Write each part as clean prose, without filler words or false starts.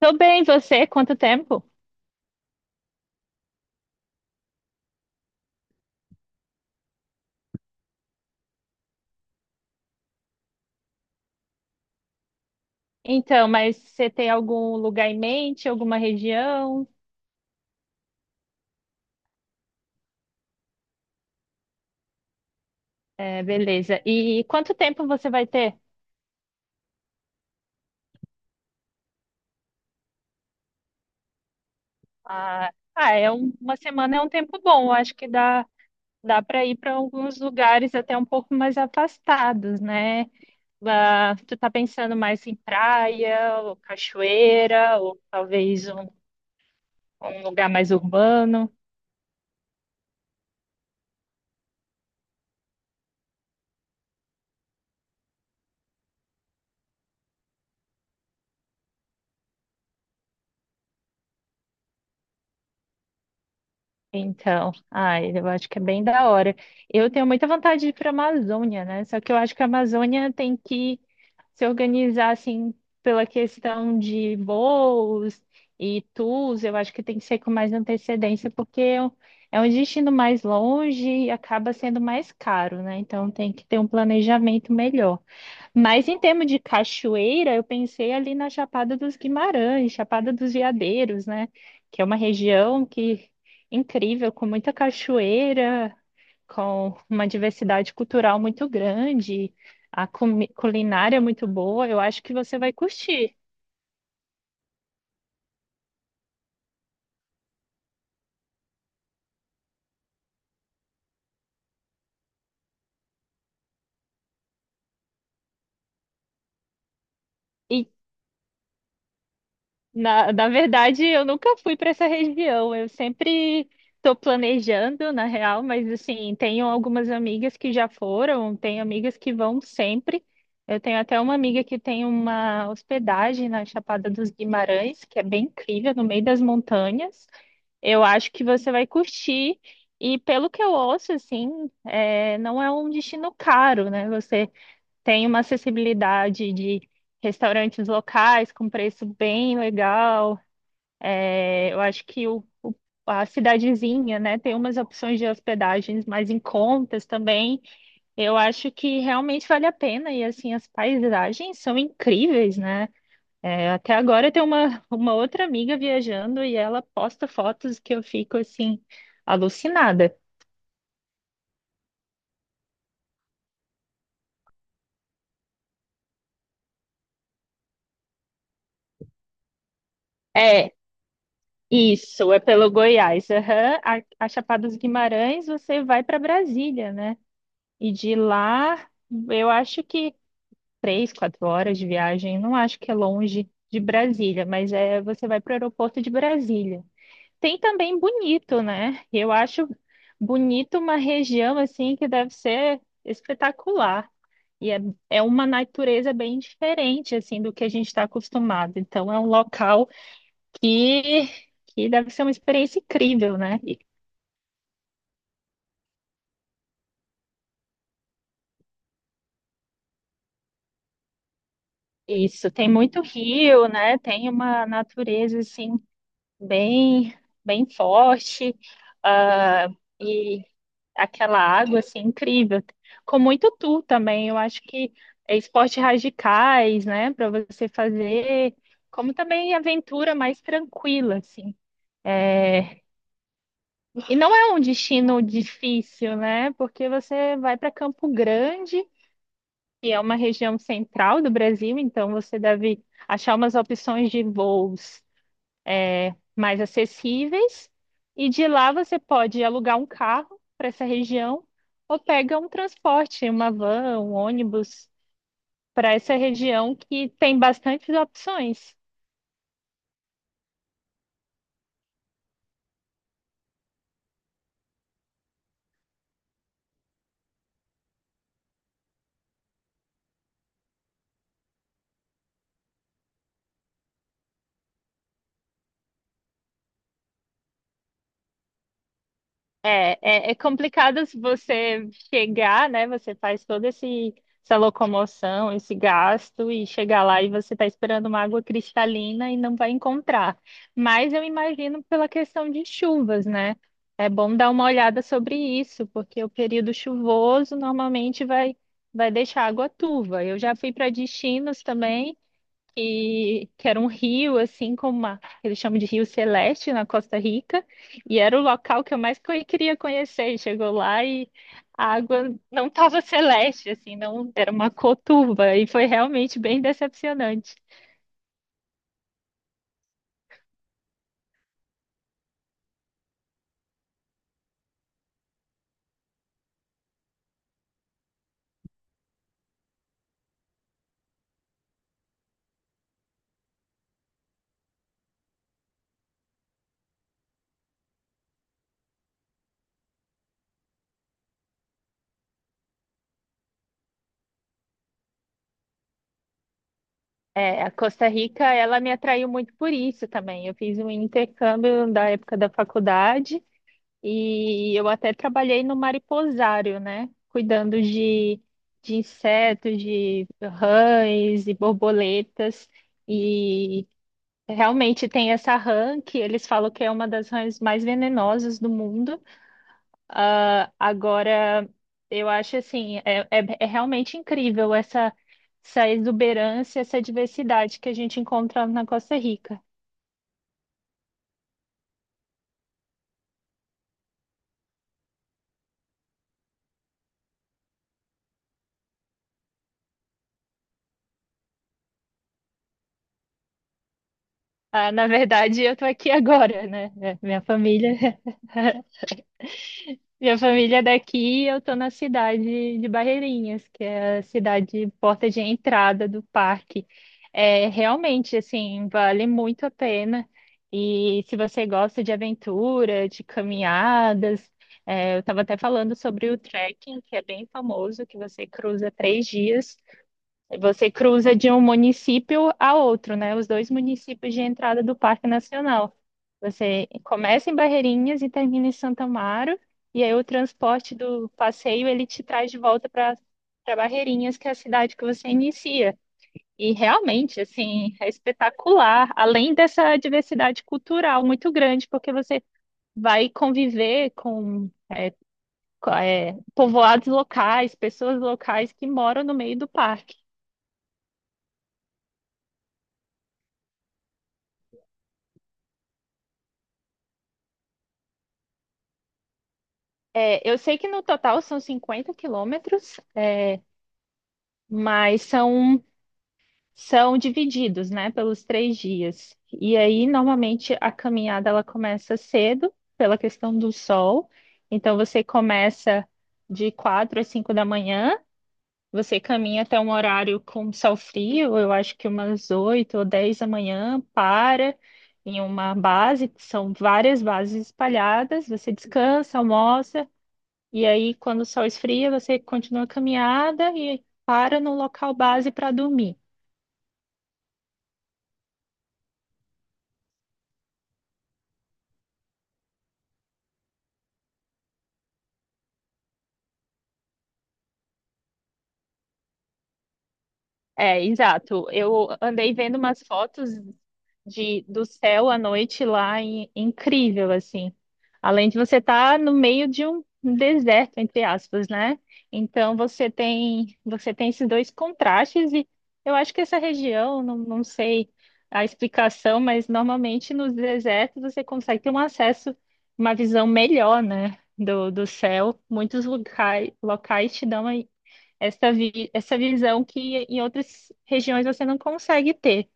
Tô bem, você? Quanto tempo? Então, mas você tem algum lugar em mente, alguma região? É, beleza. E quanto tempo você vai ter? Ah, ah, é uma semana é um tempo bom. Eu acho que dá para ir para alguns lugares até um pouco mais afastados, né? Ah, tu tá pensando mais em praia, ou cachoeira, ou talvez um lugar mais urbano? Então, ai, eu acho que é bem da hora. Eu tenho muita vontade de ir para a Amazônia, né? Só que eu acho que a Amazônia tem que se organizar assim pela questão de voos e tours. Eu acho que tem que ser com mais antecedência, porque é um destino mais longe e acaba sendo mais caro, né? Então tem que ter um planejamento melhor. Mas em termos de cachoeira, eu pensei ali na Chapada dos Guimarães, Chapada dos Veadeiros, né? Que é uma região que incrível, com muita cachoeira, com uma diversidade cultural muito grande, a culinária muito boa. Eu acho que você vai curtir. E na verdade, eu nunca fui para essa região. Eu sempre estou planejando, na real, mas assim, tenho algumas amigas que já foram, tenho amigas que vão sempre. Eu tenho até uma amiga que tem uma hospedagem na Chapada dos Guimarães, que é bem incrível, no meio das montanhas. Eu acho que você vai curtir. E pelo que eu ouço, assim, é, não é um destino caro, né? Você tem uma acessibilidade de restaurantes locais com preço bem legal. É, eu acho que a cidadezinha, né, tem umas opções de hospedagens mais em contas também. Eu acho que realmente vale a pena e assim as paisagens são incríveis, né? É, até agora tem uma outra amiga viajando e ela posta fotos que eu fico assim alucinada. É isso, é pelo Goiás. Aham. A Chapada dos Guimarães, você vai para Brasília, né? E de lá, eu acho que 3, 4 horas de viagem. Não acho que é longe de Brasília, mas é você vai para o aeroporto de Brasília. Tem também Bonito, né? Eu acho Bonito uma região assim que deve ser espetacular. E é uma natureza bem diferente assim do que a gente está acostumado. Então é um local que que deve ser uma experiência incrível, né? E- Isso, tem muito rio, né? Tem uma natureza assim bem, bem forte, ah, e aquela água assim incrível. Com muito tu também, eu acho que é esportes radicais, né, para você fazer, como também aventura mais tranquila assim. E não é um destino difícil, né? Porque você vai para Campo Grande, que é uma região central do Brasil, então você deve achar umas opções de voos mais acessíveis, e de lá você pode alugar um carro para essa região ou pega um transporte, uma van, um ônibus para essa região que tem bastantes opções. É, é, complicado se você chegar, né? Você faz toda essa locomoção, esse gasto, e chegar lá e você está esperando uma água cristalina e não vai encontrar. Mas eu imagino pela questão de chuvas, né? É bom dar uma olhada sobre isso, porque o período chuvoso normalmente vai deixar água turva. Eu já fui para destinos também que era um rio, assim, como eles chamam de Rio Celeste, na Costa Rica, e era o local que eu mais queria conhecer. E chegou lá e a água não estava celeste, assim, não, era uma cor turva, e foi realmente bem decepcionante. É, a Costa Rica, ela me atraiu muito por isso também. Eu fiz um intercâmbio da época da faculdade, e eu até trabalhei no mariposário, né? Cuidando de insetos, de rãs e borboletas. E realmente tem essa rã que eles falam que é uma das rãs mais venenosas do mundo. Ah, agora, eu acho assim, é realmente incrível essa exuberância, essa diversidade que a gente encontra na Costa Rica. Ah, na verdade, eu estou aqui agora, né? É, Minha família é daqui, eu tô na cidade de Barreirinhas, que é a cidade porta de entrada do parque. É realmente assim, vale muito a pena. E se você gosta de aventura, de caminhadas, é, eu estava até falando sobre o trekking, que é bem famoso, que você cruza 3 dias, você cruza de um município a outro, né? Os dois municípios de entrada do Parque Nacional. Você começa em Barreirinhas e termina em Santo Amaro, e aí o transporte do passeio ele te traz de volta para Barreirinhas, que é a cidade que você inicia. E realmente, assim, é espetacular, além dessa diversidade cultural muito grande, porque você vai conviver com povoados locais, pessoas locais que moram no meio do parque. É, eu sei que no total são 50 quilômetros, é, mas são divididos, né, pelos 3 dias. E aí, normalmente, a caminhada ela começa cedo, pela questão do sol. Então, você começa de 4 às 5 da manhã, você caminha até um horário com sol frio, eu acho que umas 8 ou 10 da manhã, para em uma base, que são várias bases espalhadas, você descansa, almoça. E aí, quando o sol esfria, você continua a caminhada e para no local base para dormir. É, exato. Eu andei vendo umas fotos do céu à noite lá, incrível, assim. Além de você estar no meio de um deserto, entre aspas, né? Então você tem esses dois contrastes e eu acho que essa região, não, não sei a explicação, mas normalmente nos desertos você consegue ter um acesso, uma visão melhor, né? Do céu. Muitos locais, locais te dão essa, essa visão que em outras regiões você não consegue ter.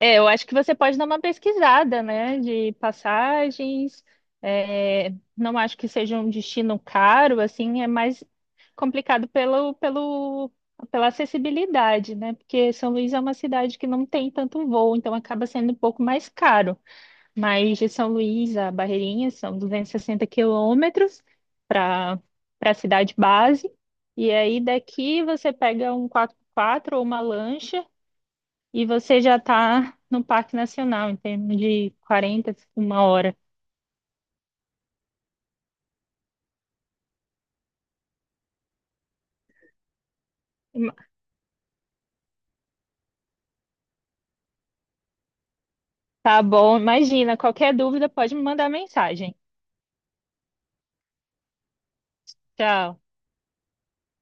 É, eu acho que você pode dar uma pesquisada, né, de passagens. É, não acho que seja um destino caro, assim, é mais complicado pela acessibilidade, né? Porque São Luís é uma cidade que não tem tanto voo, então acaba sendo um pouco mais caro. Mas de São Luís a Barreirinhas são 260 quilômetros para a cidade base. E aí daqui você pega um 4x4 ou uma lancha e você já está no Parque Nacional, em termos de 40, uma hora. Tá bom, imagina. Qualquer dúvida pode me mandar mensagem. Tchau.